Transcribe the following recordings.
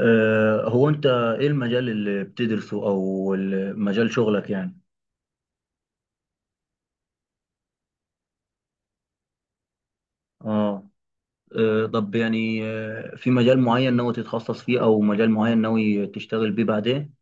هو انت ايه المجال اللي بتدرسه او مجال شغلك يعني؟ اه. طب يعني، في مجال معين ناوي تتخصص فيه او مجال معين ناوي تشتغل بيه بعدين؟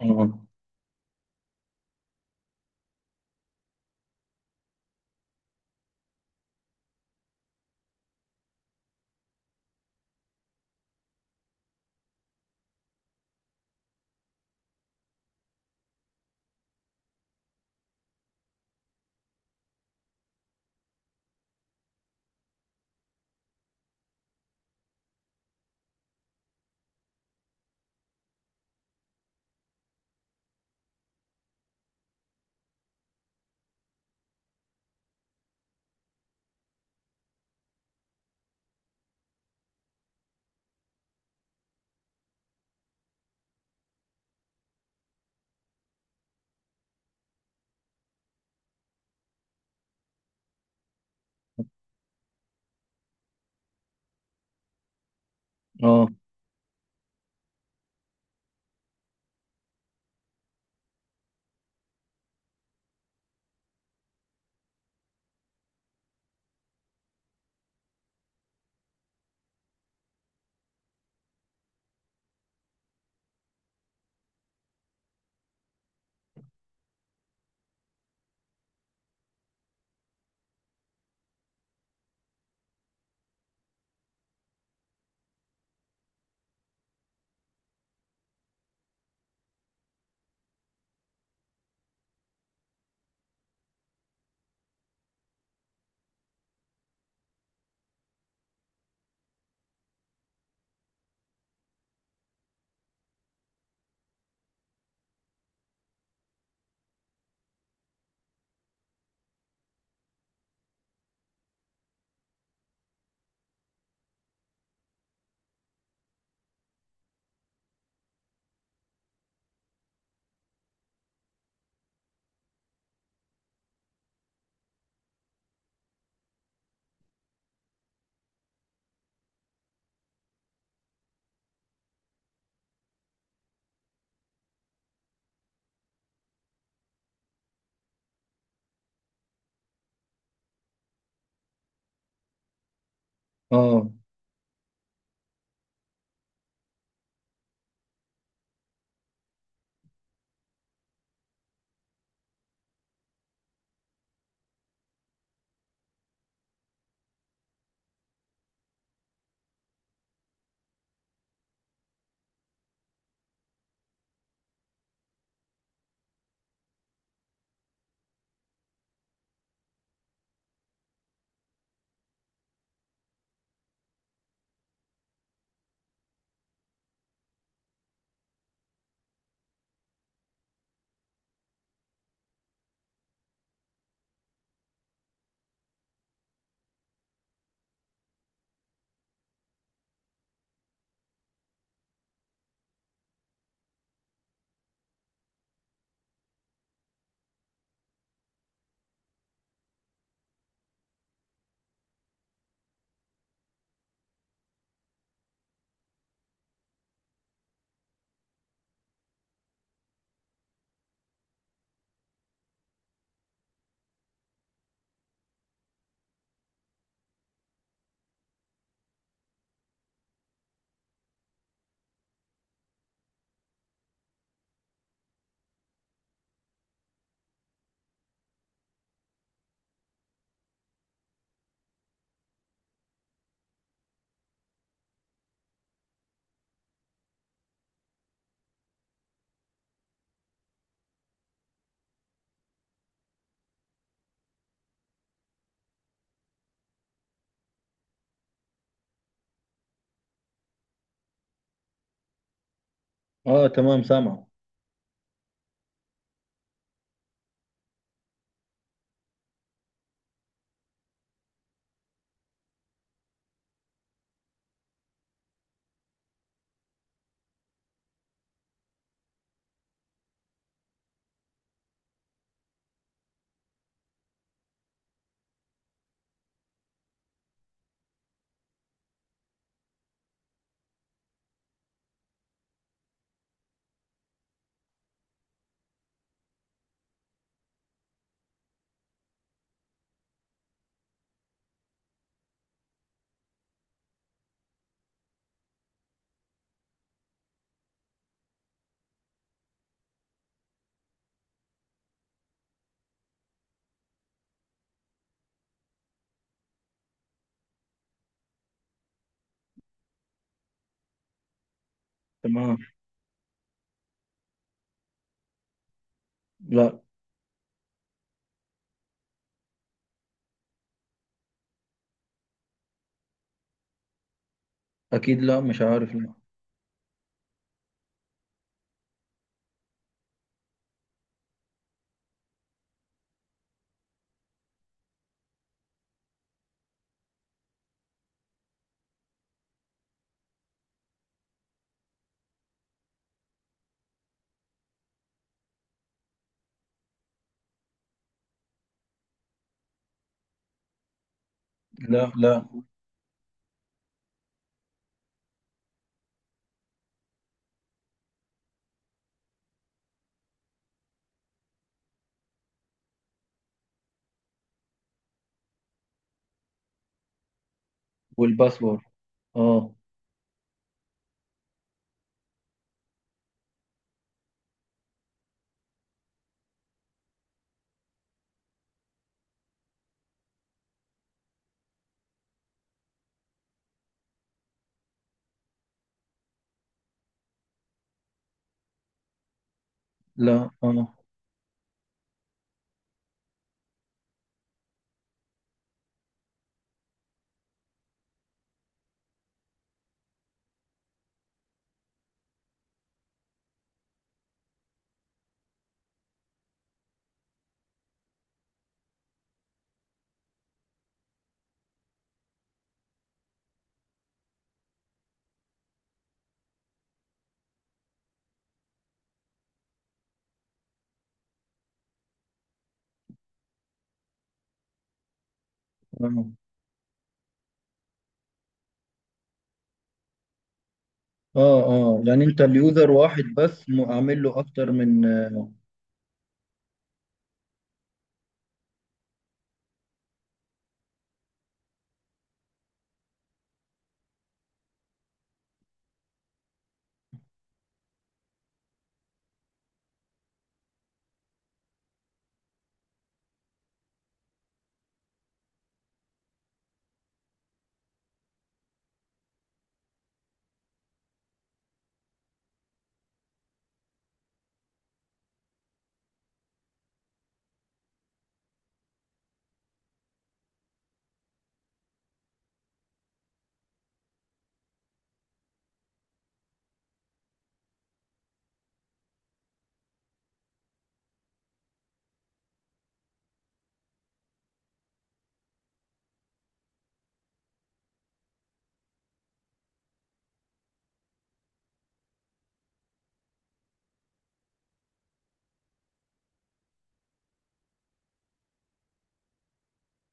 اه. اه. اه. اه، تمام سامع. تمام. لا. اكيد لا، مش عارف، لا. لا. لا. والباسورد. اه. لا. اه. اه. اه. اه، يعني انت اليوزر واحد بس، عامل له اكتر من اه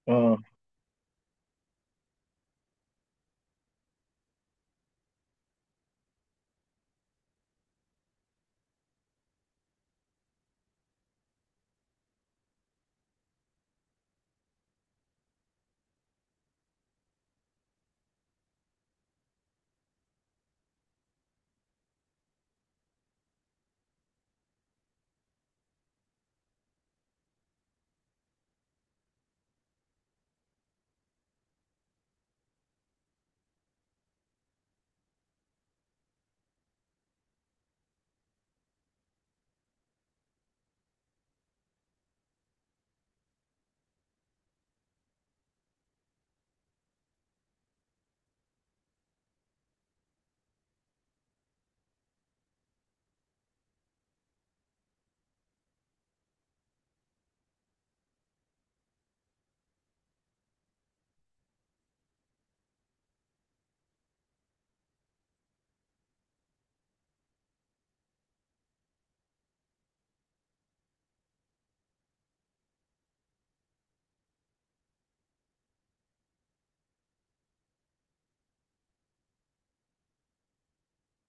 آه.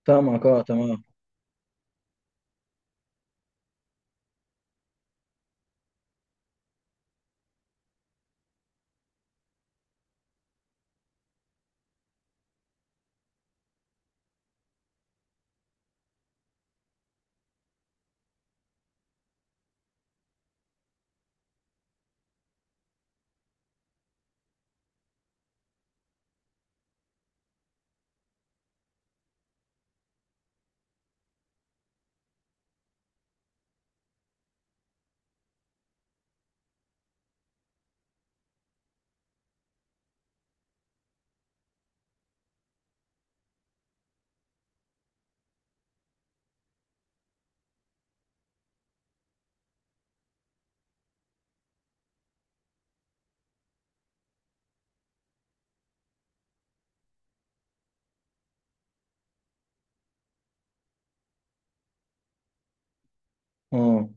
سامعك، اه تمام. اه،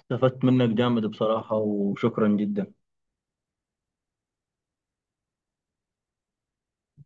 استفدت منك جامد بصراحة وشكرا جدا.